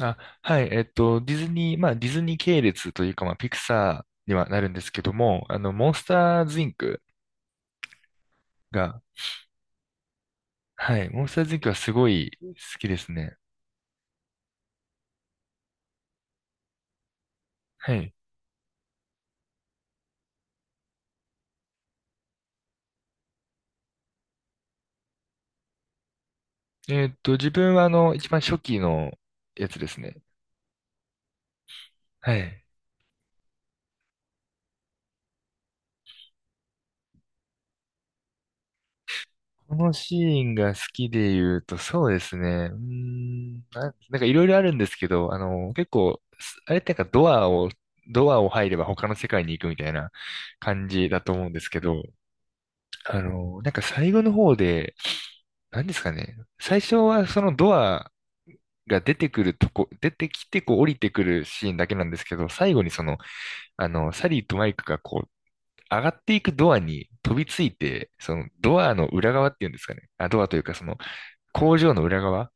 あ、はい、ディズニー、まあ、ディズニー系列というか、まあ、ピクサーにはなるんですけども、モンスターズインクが、はい、モンスターズインクはすごい好きですね。はい。えっと、自分は、一番初期のやつですね。はい。このシーンが好きで言うと、そうですね。なんかいろいろあるんですけど、結構、あれってなんかドアを、ドアを入れば他の世界に行くみたいな感じだと思うんですけど、なんか最後の方で、何ですかね。最初はそのドアが出てくるとこ、出てきてこう降りてくるシーンだけなんですけど、最後にその、サリーとマイクがこう、上がっていくドアに飛びついて、そのドアの裏側っていうんですかね。あ、ドアというかその工場の裏側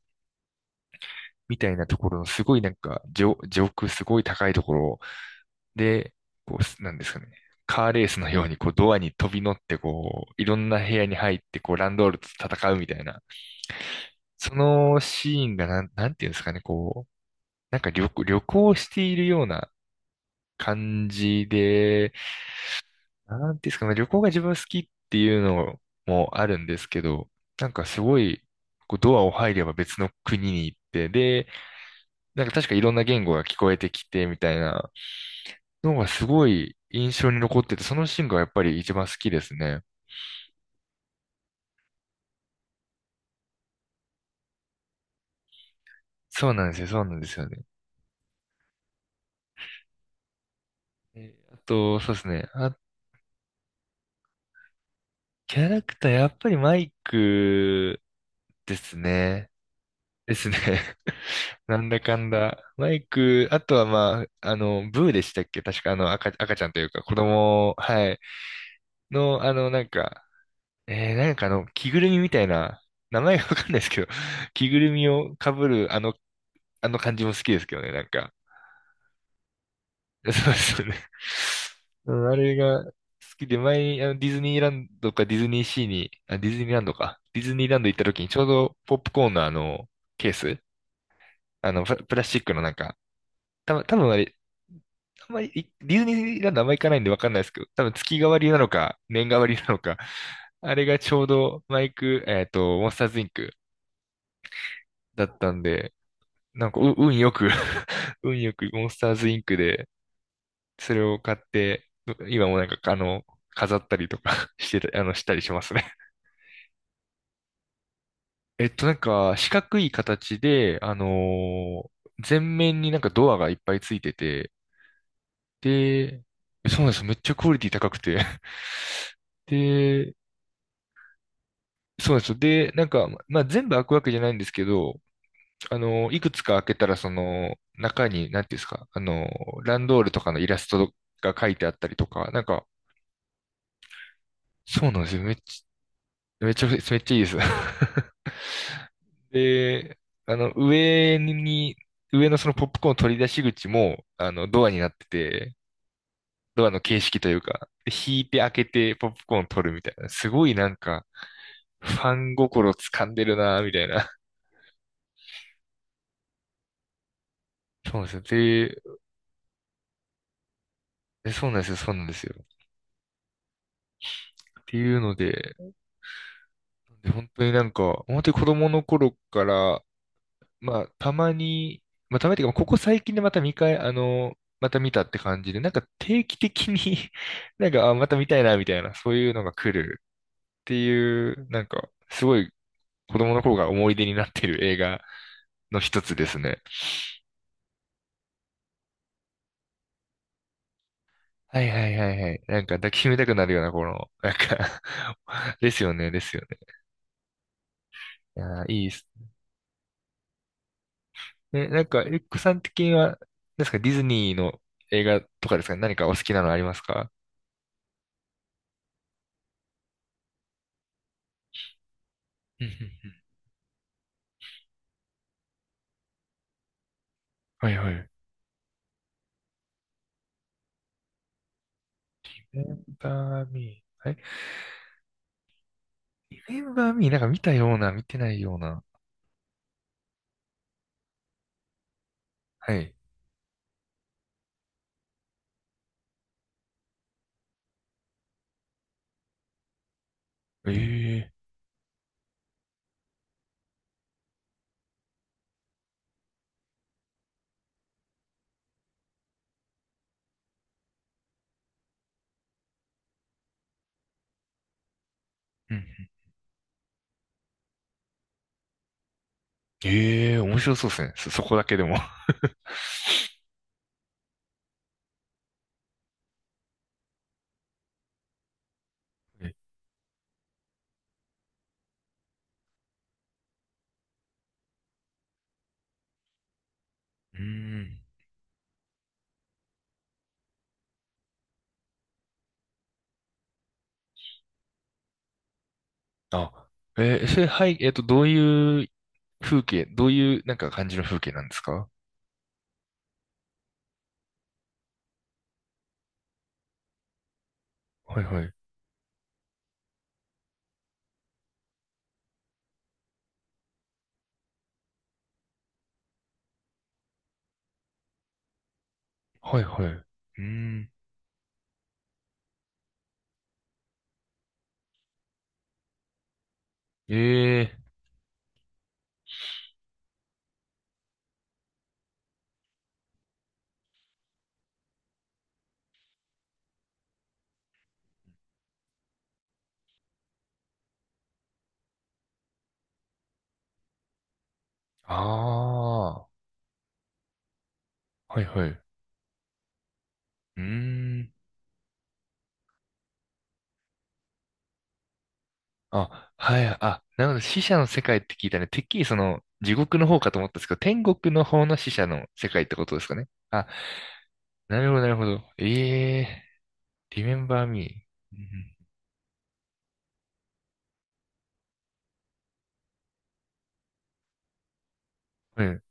みたいなところのすごいなんか上空すごい高いところで、こう、なんですかね。カーレースのようにこうドアに飛び乗ってこう、いろんな部屋に入ってこう、ランドールと戦うみたいな。そのシーンがなんていうんですかね、こう、旅行しているような感じで、なんていうんですかね、旅行が自分好きっていうのもあるんですけど、なんかすごい、こうドアを入れば別の国に行って、で、なんか確かいろんな言語が聞こえてきてみたいなのがすごい印象に残ってて、そのシーンがやっぱり一番好きですね。そうなんですよ、そうなんですよね。あと、そうですね。あ、キャラクター、やっぱりマイクですね。ですね。なんだかんだ。マイク、あとはまあ、ブーでしたっけ、確かあの赤ちゃんというか子供、はい。の、着ぐるみみたいな、名前がわかんないですけど、着ぐるみを被るあの感じも好きですけどね、なんか。そうですよね。うん、あれが好きで、前にあのディズニーランドかディズニーシーに、あ、ディズニーランドか。ディズニーランド行った時にちょうどポップコーンのあの、ケース、プラスチックのなんか、多分あれ、あんまり、ディズニーランドあんま行かないんでわかんないですけど、多分月替わりなのか、年替わりなのか、あれがちょうどマイク、モンスターズインクだったんで、なんか運よく 運よくモンスターズインクで、それを買って、今もなんか、飾ったりとか してた、あの、したりしますね。四角い形で、ー前面になんかドアがいっぱいついてて、で、そうなんですよ。めっちゃクオリティ高くて。で、そうなんですよ。で、なんか、まあ、全部開くわけじゃないんですけど、いくつか開けたら、その、中に、なんていうんですか、ランドールとかのイラストが書いてあったりとか、なんか、そうなんですよ。めっちゃいいです。で、あの、上に、上のそのポップコーン取り出し口も、ドアになってて、ドアの形式というか、引いて開けてポップコーン取るみたいな、すごいなんか、ファン心掴んでるな、みたいな。そうなんですよ。で、でそうなんですよ、そうなんですよ。っていうので、で本当になんか、本当に子供の頃から、まあ、たまに、まあ、たまにっていうか、ここ最近でまた見返、あの、また見たって感じで、なんか定期的に なんか、あ、また見たいな、みたいな、そういうのが来るっていう、なんか、すごい子供の頃が思い出になってる映画の一つですね。はいはいはいはい。なんか抱きしめたくなるような、この、なんか ですよね、ですよね。いやー、いいっすね。え、なんか、エッグさん的には、ですか、ディズニーの映画とかですかね、何かお好きなのありますか？うんうんうん。はいはい。リメンバーミー、はい。R E M E、 なんか見たような、見てないような。はい。ええ。うんうん。ええ、面白そうですね。そ、そこだけでも。え、うーん。あ、えーそれ、はい、どういうどういう、なんか感じの風景なんですか？はいはい。はいはい。うーん。ええ。ああー。はいはい。うーん。あ、はい、あ、なるほど、死者の世界って聞いたね。てっきりその、地獄の方かと思ったんですけど、天国の方の死者の世界ってことですかね。あ、なるほど、なるほど。ええー、Remember Me。うん。うん。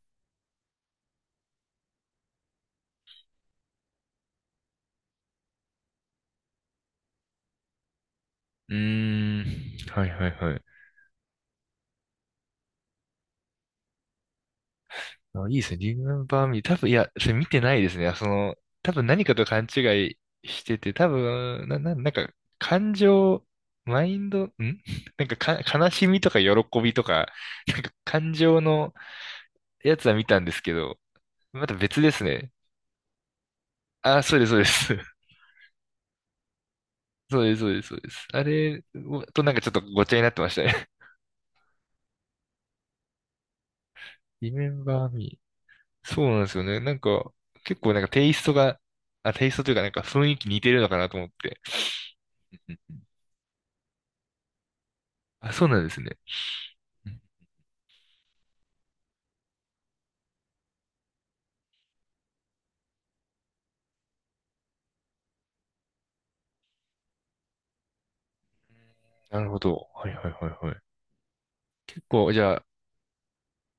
うーん。はい、はい、はい。あ、いいですね。Remember Me。多分、いや、それ見てないですね。その、多分何かと勘違いしてて、多分、なんか、感情、マインド、ん、なんかか、悲しみとか喜びとか、なんか感情のやつは見たんですけど、また別ですね。あ、そうです、そうです。そうです、そうです、そうです。あれとなんかちょっとごっちゃになってましたね。Remember Me。そうなんですよね。なんか、結構なんかテイストというかなんか雰囲気似てるのかなと思って。うん。あ、そうなんですね。うん。なるほど。はいはいはいはい。結構、じゃ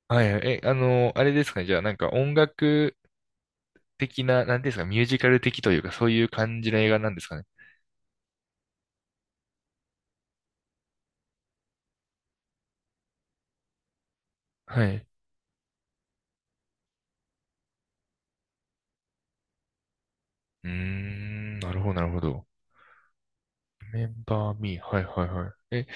あ、はいはい。え、あれですかね。じゃあなんか音楽的な、なんていうんですか、ミュージカル的というか、そういう感じの映画なんですかね。はい。うーん、なるほど、なるほど。メンバーミー、はいはいはい。え、だか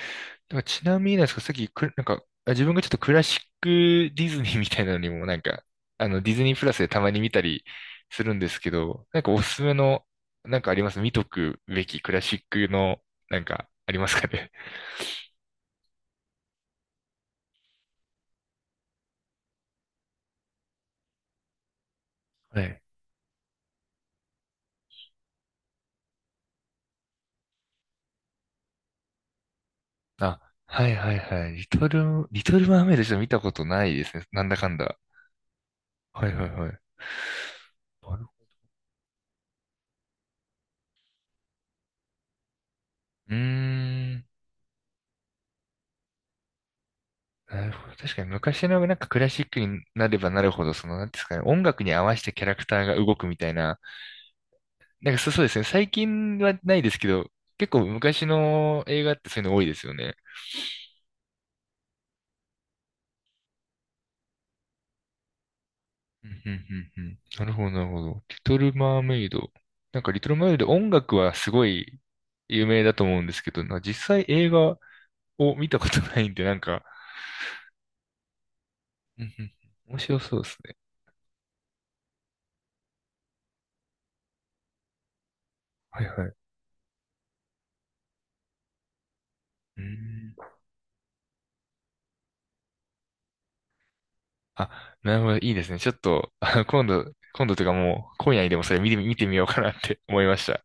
らちなみになんですか、さっきく、なんか、あ自分がちょっとクラシックディズニーみたいなのにも、なんか、ディズニープラスでたまに見たりするんですけど、なんかおすすめの、なんかあります、見とくべきクラシックの、なんか、ありますかね？ はい。あ、はいはいはい。リトルマーメイドちょっと見たことないですね。なんだかんだ。はいはいはい。なる、うーん。なるほど。確かに昔のなんかクラシックになればなるほど、その、なんていうんですかね、音楽に合わせてキャラクターが動くみたいな、そうですね。最近はないですけど、結構昔の映画ってそういうの多いですよね。うんうんうんうん。なるほど、なるほど。リトル・マーメイド。なんかリトル・マーメイド音楽はすごい有名だと思うんですけど、なんか実際映画を見たことないんで、なんか、うんうん、面白そうですね。はいはい。うん。あ、なるほど、いいですね。ちょっと、あの、今度、今度というかもう、今夜にでもそれ見てみ、見てみようかなって思いました。